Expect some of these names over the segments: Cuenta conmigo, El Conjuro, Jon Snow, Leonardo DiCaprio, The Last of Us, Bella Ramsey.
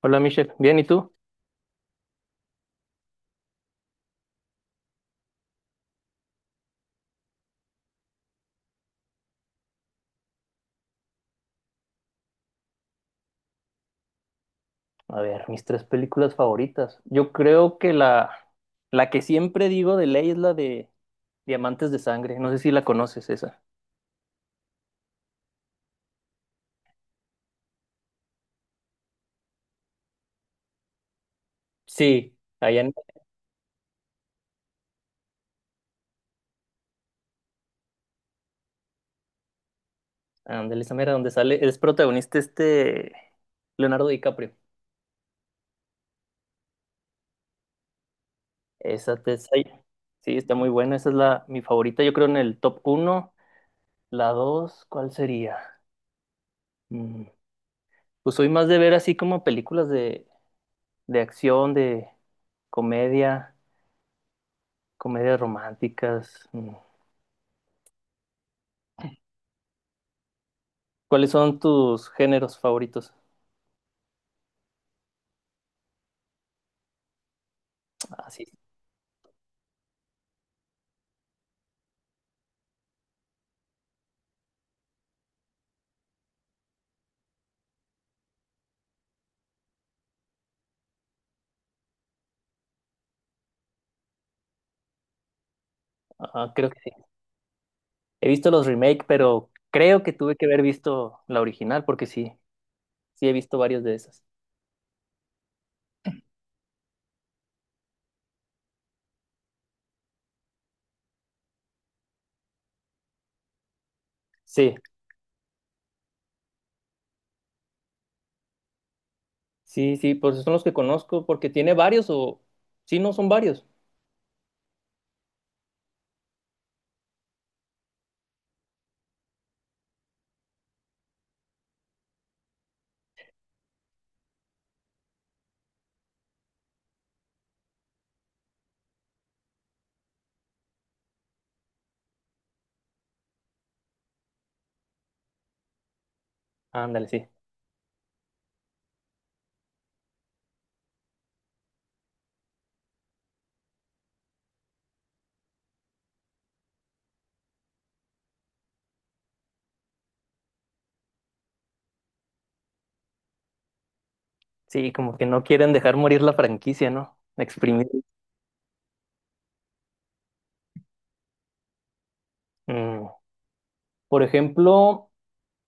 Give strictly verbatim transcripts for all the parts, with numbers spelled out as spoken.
Hola Michelle, bien, ¿y tú? A ver, mis tres películas favoritas. Yo creo que la, la que siempre digo de ley es la de Diamantes de Sangre. No sé si la conoces esa. Sí, allá en ándale, esa mera donde sale, es protagonista este Leonardo DiCaprio. Esa te esa- Sí, está muy buena. Esa es la mi favorita. Yo creo en el top uno. La dos, ¿cuál sería? Mm, Pues soy más de ver así como películas de, de acción, de comedia. Comedias románticas. mm. ¿Cuáles son tus géneros favoritos? Ah, sí, ah, creo que sí. He visto los remake, pero creo que tuve que haber visto la original, porque sí, sí he visto varios de esas. Sí, sí, sí, pues son los que conozco, porque tiene varios o... Sí, no, son varios. Ándale, sí. Sí, como que no quieren dejar morir la franquicia, ¿no? Exprimir. Mm. Por ejemplo,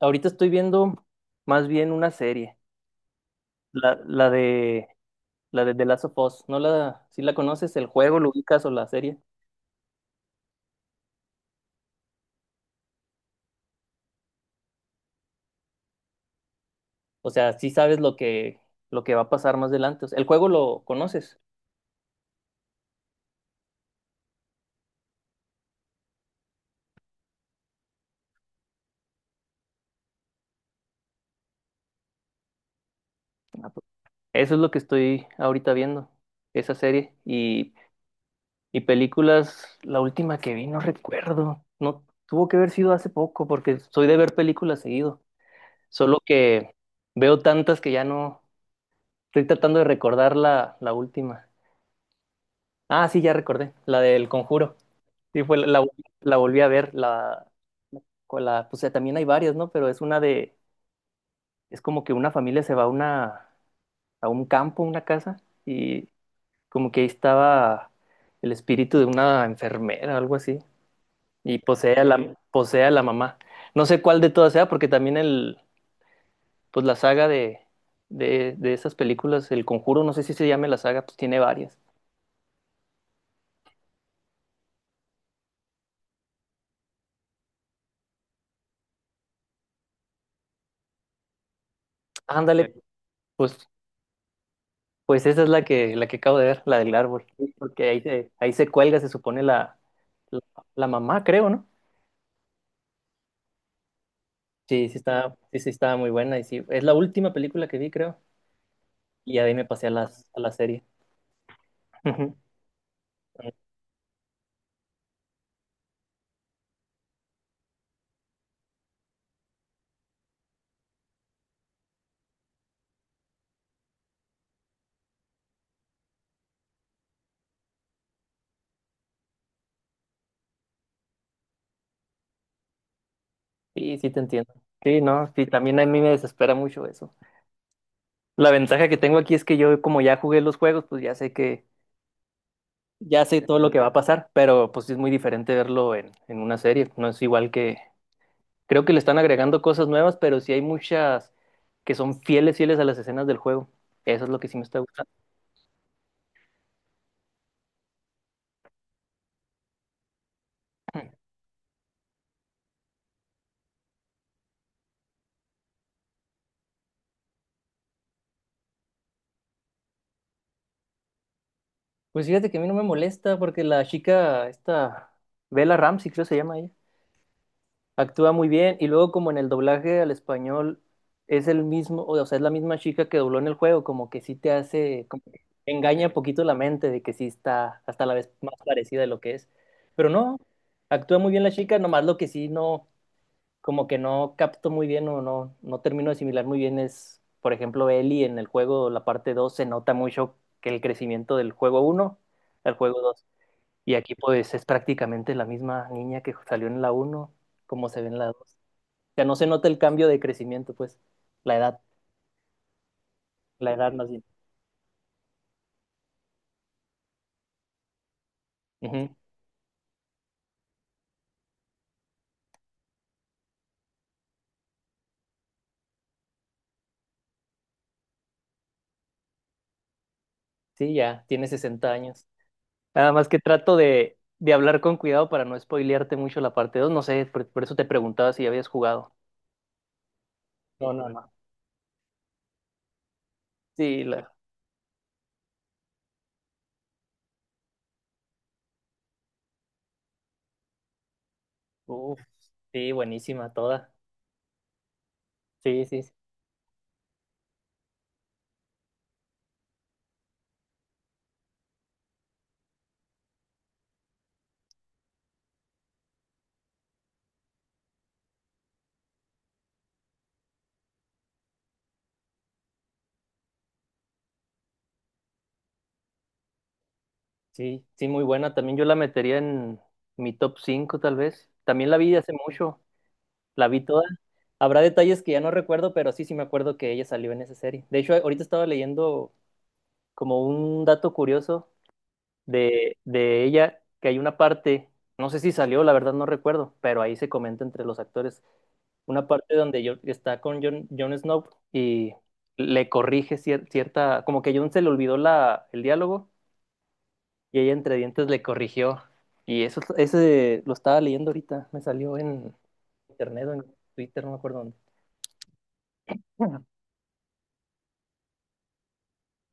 ahorita estoy viendo más bien una serie, la, la de La de The Last of Us. ¿No? La, si la conoces, ¿el juego lo ubicas o la serie? O sea, sí sabes lo que, lo que va a pasar más adelante. O sea, el juego lo conoces. Ah, pues, eso es lo que estoy ahorita viendo, esa serie. Y, y películas, la última que vi, no recuerdo. No, tuvo que haber sido hace poco, porque soy de ver películas seguido. Solo que veo tantas que ya no. Estoy tratando de recordar la, la última. Ah, sí, ya recordé, la del Conjuro. Sí, fue la, la vol- la volví a ver, la, con la, pues eh, también hay varias, ¿no? Pero es una de, es como que una familia se va a una, a un campo, una casa, y como que ahí estaba el espíritu de una enfermera, algo así, y posee a la, posee a la mamá. No sé cuál de todas sea, porque también el, pues la saga de, de, de esas películas, El Conjuro, no sé si se llame la saga, pues tiene varias. Ándale, pues Pues esa es la que, la que acabo de ver, la del árbol. Sí, porque ahí se, ahí se cuelga, se supone, la, la, la mamá, creo, ¿no? Sí, sí está, sí, sí estaba muy buena. Y sí, es la última película que vi, creo. Y ya de ahí me pasé a las, a la serie. Ujú. Sí, sí te entiendo. Sí, no, sí, también a mí me desespera mucho eso. La ventaja que tengo aquí es que yo, como ya jugué los juegos, pues ya sé que, ya sé todo lo que va a pasar, pero pues sí es muy diferente verlo en, en una serie. No es igual que, creo que le están agregando cosas nuevas, pero sí hay muchas que son fieles, fieles a las escenas del juego. Eso es lo que sí me está gustando. Pues fíjate que a mí no me molesta porque la chica, esta Bella Ramsey, creo se llama ella, actúa muy bien, y luego como en el doblaje al español es el mismo, o sea, es la misma chica que dobló en el juego, como que sí te hace, como que engaña un poquito la mente de que sí está hasta la vez más parecida de lo que es. Pero no, actúa muy bien la chica, nomás lo que sí no, como que no capto muy bien, o no, no termino de asimilar muy bien es, por ejemplo, Eli en el juego, la parte dos, se nota mucho que el crecimiento del juego uno al juego dos. Y aquí pues es prácticamente la misma niña que salió en la uno como se ve en la dos. O sea, no se nota el cambio de crecimiento, pues la edad, la edad más bien. Ujú. Sí, ya, tiene sesenta años. Nada más que trato de, de hablar con cuidado para no spoilearte mucho la parte dos. No sé, por, por eso te preguntaba si ya habías jugado. No, no, no. Sí, la, uf, sí, buenísima toda. Sí, sí, sí, sí, muy buena. También yo la metería en mi top cinco tal vez. También la vi hace mucho, la vi toda. Habrá detalles que ya no recuerdo, pero sí, sí me acuerdo que ella salió en esa serie. De hecho, ahorita estaba leyendo como un dato curioso de, de ella, que hay una parte, no sé si salió, la verdad no recuerdo, pero ahí se comenta entre los actores, una parte donde yo, está con Jon, Jon Snow, y le corrige cier- cierta, como que Jon se le olvidó la, el diálogo y ella entre dientes le corrigió. Y eso, ese lo estaba leyendo ahorita, me salió en internet o en Twitter, no me acuerdo dónde. Ujú.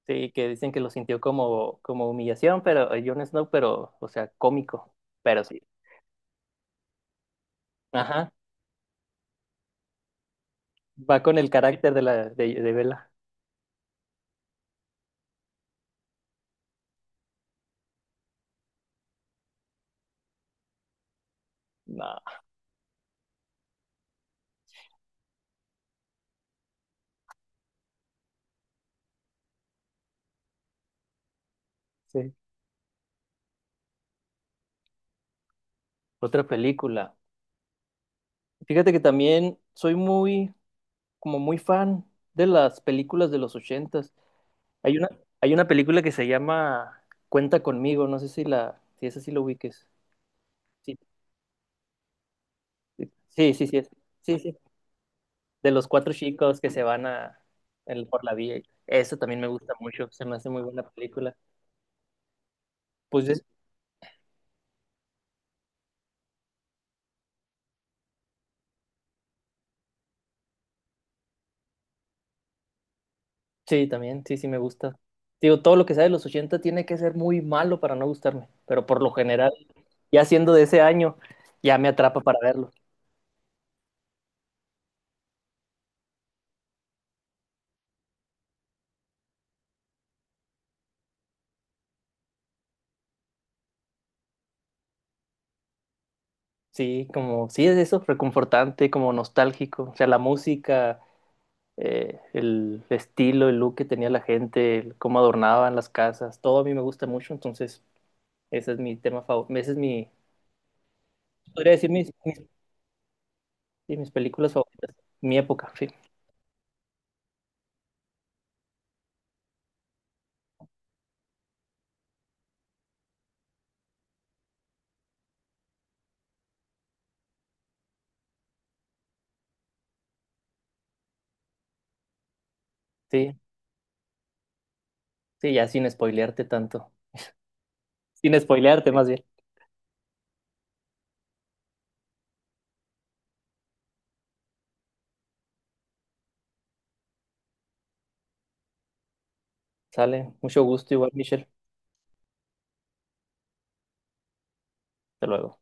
Sí, que dicen que lo sintió como, como humillación, pero, eh, Jon Snow, pero, o sea, cómico, pero sí. Ajá. Va con el carácter de la de, de Bella. No. Sí. Otra película. Fíjate que también soy muy, como muy fan de las películas de los ochentas. Hay una, hay una película que se llama Cuenta conmigo, no sé si la, si esa sí lo ubiques. Sí, sí, sí, sí, es- sí, sí. De los cuatro chicos que se van a el- por la vía. Eso también me gusta mucho, se me hace muy buena película. Pues es- Sí, también, sí, sí me gusta. Digo, todo lo que sea de los ochenta tiene que ser muy malo para no gustarme, pero por lo general, ya siendo de ese año, ya me atrapa para verlo. Sí, como, sí, es eso, reconfortante, como nostálgico. O sea, la música, eh, el estilo, el look que tenía la gente, el cómo adornaban las casas, todo a mí me gusta mucho, entonces ese es mi tema favorito, ese es mi, podría decir mis, mis, sí, mis películas favoritas, mi época, sí, sí, sí, ya sin spoilearte tanto, sin spoilearte más bien. Sale. Mucho gusto igual, Michelle. Hasta luego.